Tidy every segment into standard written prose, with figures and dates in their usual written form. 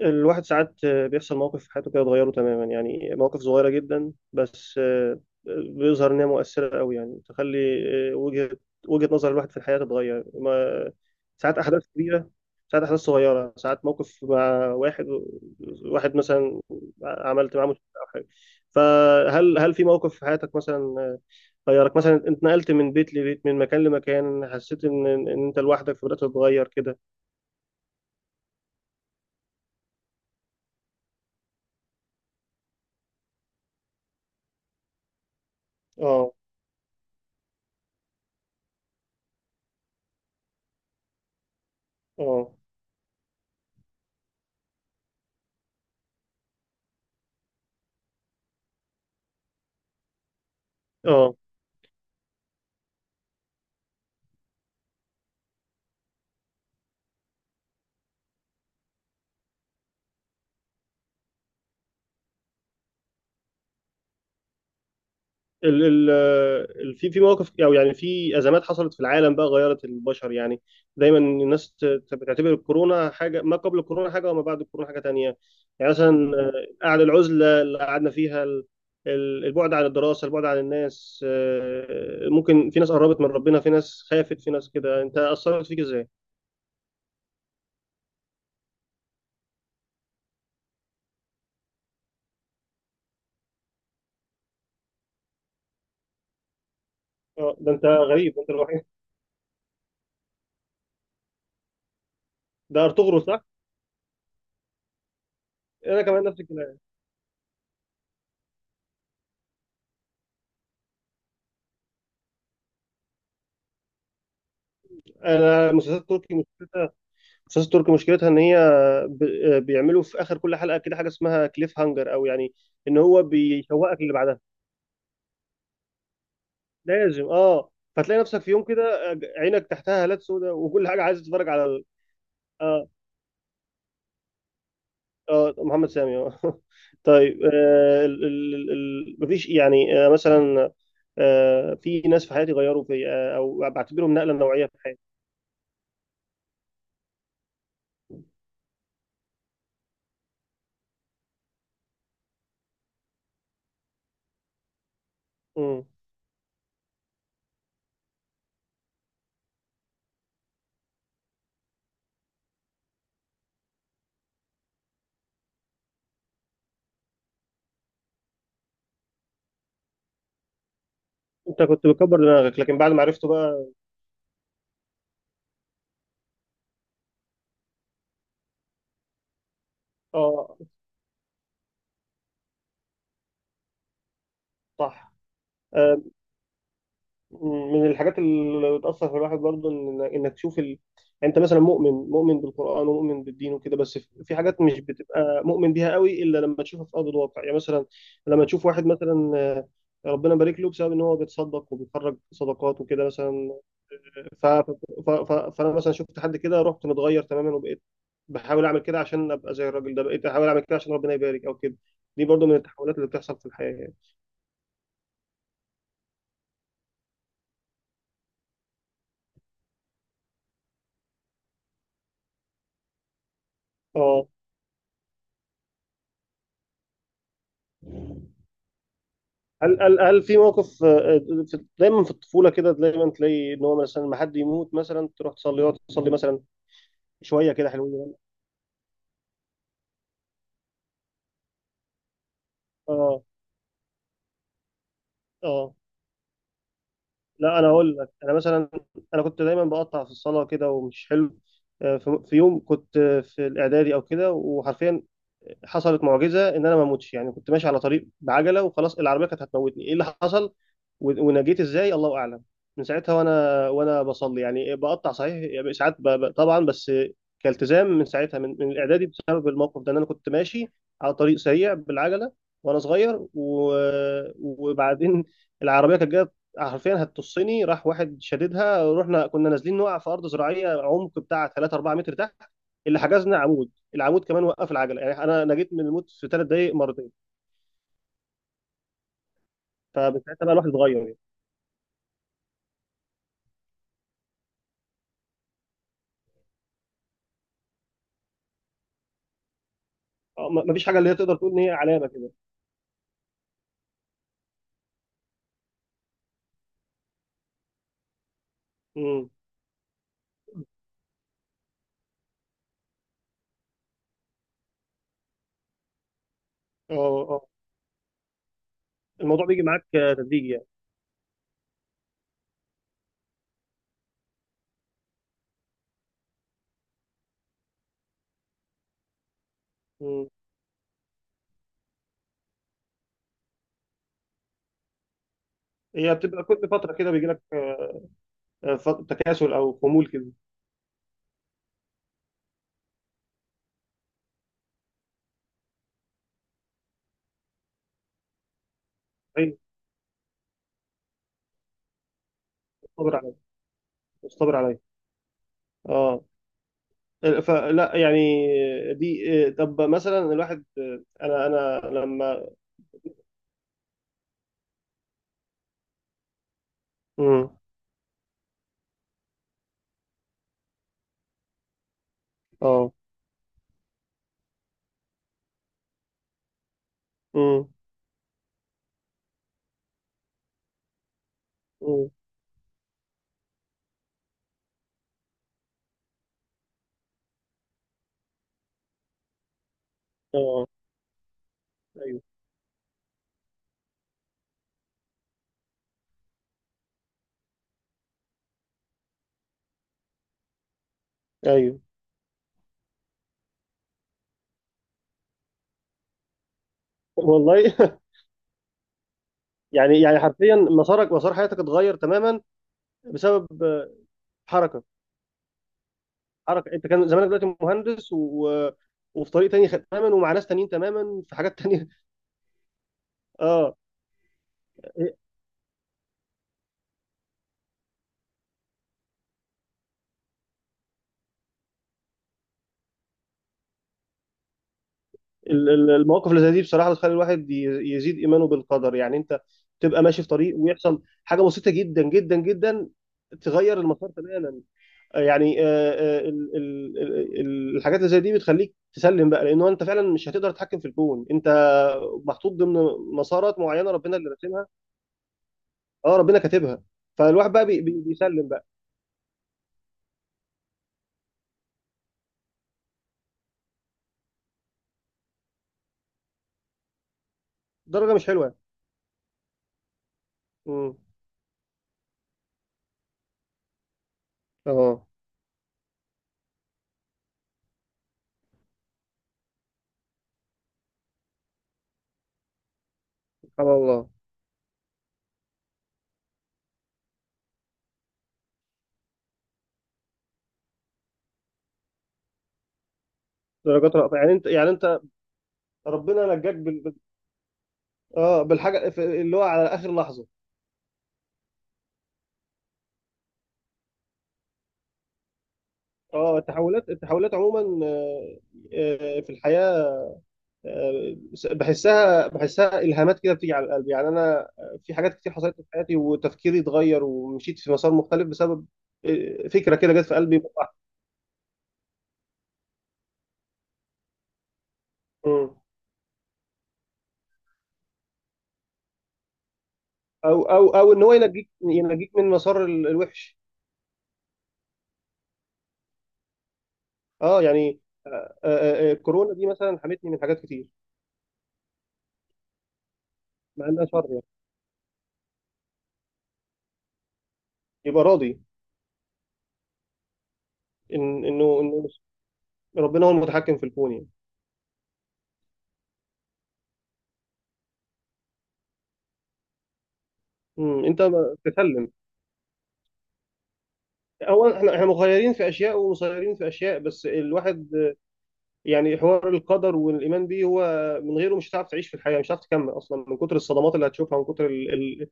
الواحد ساعات بيحصل موقف في حياته كده يتغيره تماما، يعني مواقف صغيرة جدا بس بيظهر إنها مؤثرة أوي، يعني تخلي آه، وجهة وجهة نظر الواحد في الحياة تتغير. ما ساعات أحداث كبيرة، ساعات أحداث صغيرة، ساعات موقف مع واحد مثلا عملت معاه مشكلة أو حاجة. فهل في موقف في حياتك مثلا، غيرك مثلا أنت نقلت من بيت لبيت، من مكان لمكان، حسيت إن أنت لوحدك فبدأت تتغير كده؟ اه. اه. اه ال ال ال في مواقف او يعني في ازمات حصلت في العالم بقى غيرت البشر يعني. دايما الناس بتعتبر الكورونا حاجه، ما قبل الكورونا حاجه، وما بعد الكورونا حاجه تانية. يعني مثلا قعد العزله اللي قعدنا فيها، البعد عن الدراسه، البعد عن الناس، ممكن في ناس قربت من ربنا، في ناس خافت، في ناس كده. انت اثرت فيك ازاي؟ اه، ده انت غريب، انت الوحيد. ده ارطغرل صح؟ انا كمان نفس الكلام. انا مسلسلات تركي، مسلسلات تركي مشكلتها ان هي بيعملوا في اخر كل حلقه كده حاجه اسمها كليف هانجر، او يعني ان هو بيشوقك اللي بعدها. لازم اه. فتلاقي نفسك في يوم كده عينك تحتها هالات سوداء، وكل حاجه عايز تتفرج على اه. اه محمد سامي اه طيب مفيش يعني مثلا في ناس في حياتي غيروا في او بعتبرهم نقله نوعيه في حياتي. مم. انت كنت بتكبر دماغك، لكن بعد ما عرفته بقى اه. صح. آه، من الحاجات اللي بتأثر في الواحد برضه إن إنك تشوف يعني أنت مثلا مؤمن بالقرآن ومؤمن بالدين وكده، بس في حاجات مش بتبقى مؤمن بيها قوي إلا لما تشوفها في أرض الواقع. يعني مثلا لما تشوف واحد مثلا ربنا بارك له بسبب إن هو بيتصدق وبيخرج صدقات وكده مثلا. ف... ف... فأنا مثلا شفت حد كده رحت متغير تماما، وبقيت بحاول أعمل كده عشان أبقى زي الراجل ده، بقيت أحاول أعمل كده عشان ربنا يبارك أو كده. دي برضه من التحولات اللي بتحصل في الحياة يعني. اه. هل في موقف دايما في الطفوله كده دايما تلاقي ان هو مثلا ما حد يموت مثلا تروح تصلي، يقعد تصلي مثلا شويه كده حلوين يعني. اه. اه. لا، انا اقول لك انا مثلا انا كنت دايما بقطع في الصلاه كده ومش حلو. في يوم كنت في الاعدادي او كده، وحرفيا حصلت معجزه ان انا ما اموتش. يعني كنت ماشي على طريق بعجله وخلاص، العربيه كانت هتموتني، ايه اللي حصل ونجيت ازاي الله اعلم. من ساعتها وانا بصلي، يعني بقطع صحيح يعني ساعات طبعا، بس كالتزام من ساعتها من الاعدادي بسبب الموقف ده ان انا كنت ماشي على طريق سريع بالعجله وانا صغير وبعدين العربيه كانت جايه، حرفيا هتطصني. راح واحد شددها، رحنا كنا نازلين نقع في ارض زراعيه عمق بتاع 3 4 متر تحت. اللي حجزنا عمود، العمود كمان وقف العجله. يعني انا نجيت من الموت في ثلاث دقائق مرتين. فمن ساعتها بقى الواحد اتغير يعني. مفيش حاجه اللي هي تقدر تقول ان هي علامه كده. امم. اه. اه. الموضوع بيجي معاك تدريجي يعني. امم. هي بتبقى كل فتره كده بيجي لك تكاسل او خمول كده. اي، اصبر عليا. اصبر عليا. اه. فلا يعني دي طب مثلا الواحد انا لما امم. اه. امم. امم. اه. ايوه. ايوه والله يعني، يعني حرفيا مسارك، مسار حياتك اتغير تماما بسبب حركه. حركه انت كان زمانك دلوقتي مهندس، و وفي طريق تاني تماما، ومع ناس تانيين تماما، في حاجات تانية. اه. المواقف اللي زي دي بصراحه بتخلي الواحد يزيد ايمانه بالقدر. يعني انت تبقى ماشي في طريق ويحصل حاجه بسيطه جدا جدا جدا تغير المسار تماما. آه، يعني آه، الحاجات اللي زي دي بتخليك تسلم بقى، لانه انت فعلا مش هتقدر تتحكم في الكون. انت محطوط ضمن مسارات معينه ربنا اللي راسمها. اه ربنا كاتبها. فالواحد بقى بيسلم بقى. درجه مش حلوه. امم. اه. سبحان الله. درجات رأفة يعني. انت، يعني انت ربنا نجاك. اه بالحاجه اللي هو على اخر لحظه. اه التحولات، التحولات عموما في الحياه آه، بحسها، بحسها الهامات كده بتيجي على القلب. يعني انا في حاجات كتير حصلت لي في حياتي وتفكيري اتغير ومشيت في مسار مختلف بسبب فكره كده جت في قلبي مرة واحدة. مم. او ان هو ينجيك، ينجيك من مسار الوحش. اه يعني الكورونا دي مثلا حمتني من حاجات كتير مع انها شر يعني. يبقى راضي إن- انه ربنا هو المتحكم في الكون يعني. مم. انت تسلم. هو احنا، مخيرين في اشياء ومسيرين في اشياء، بس الواحد يعني حوار القدر والايمان بيه هو من غيره مش هتعرف تعيش في الحياه، مش هتعرف تكمل اصلا من كتر الصدمات اللي هتشوفها، من كتر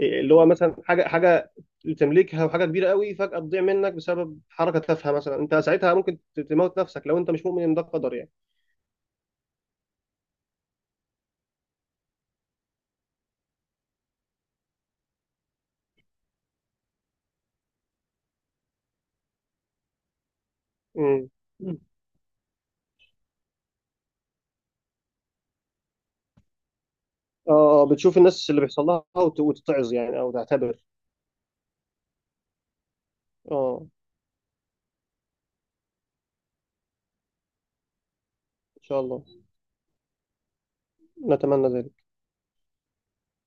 اللي هو مثلا حاجه تملكها، وحاجه كبيره قوي فجاه تضيع منك بسبب حركه تافهه مثلا، انت ساعتها ممكن تموت نفسك لو انت مش مؤمن ان ده قدر يعني. امم. اه. بتشوف الناس اللي بيحصل لها وتتعظ يعني او تعتبر. اه. ان شاء الله. نتمنى ذلك.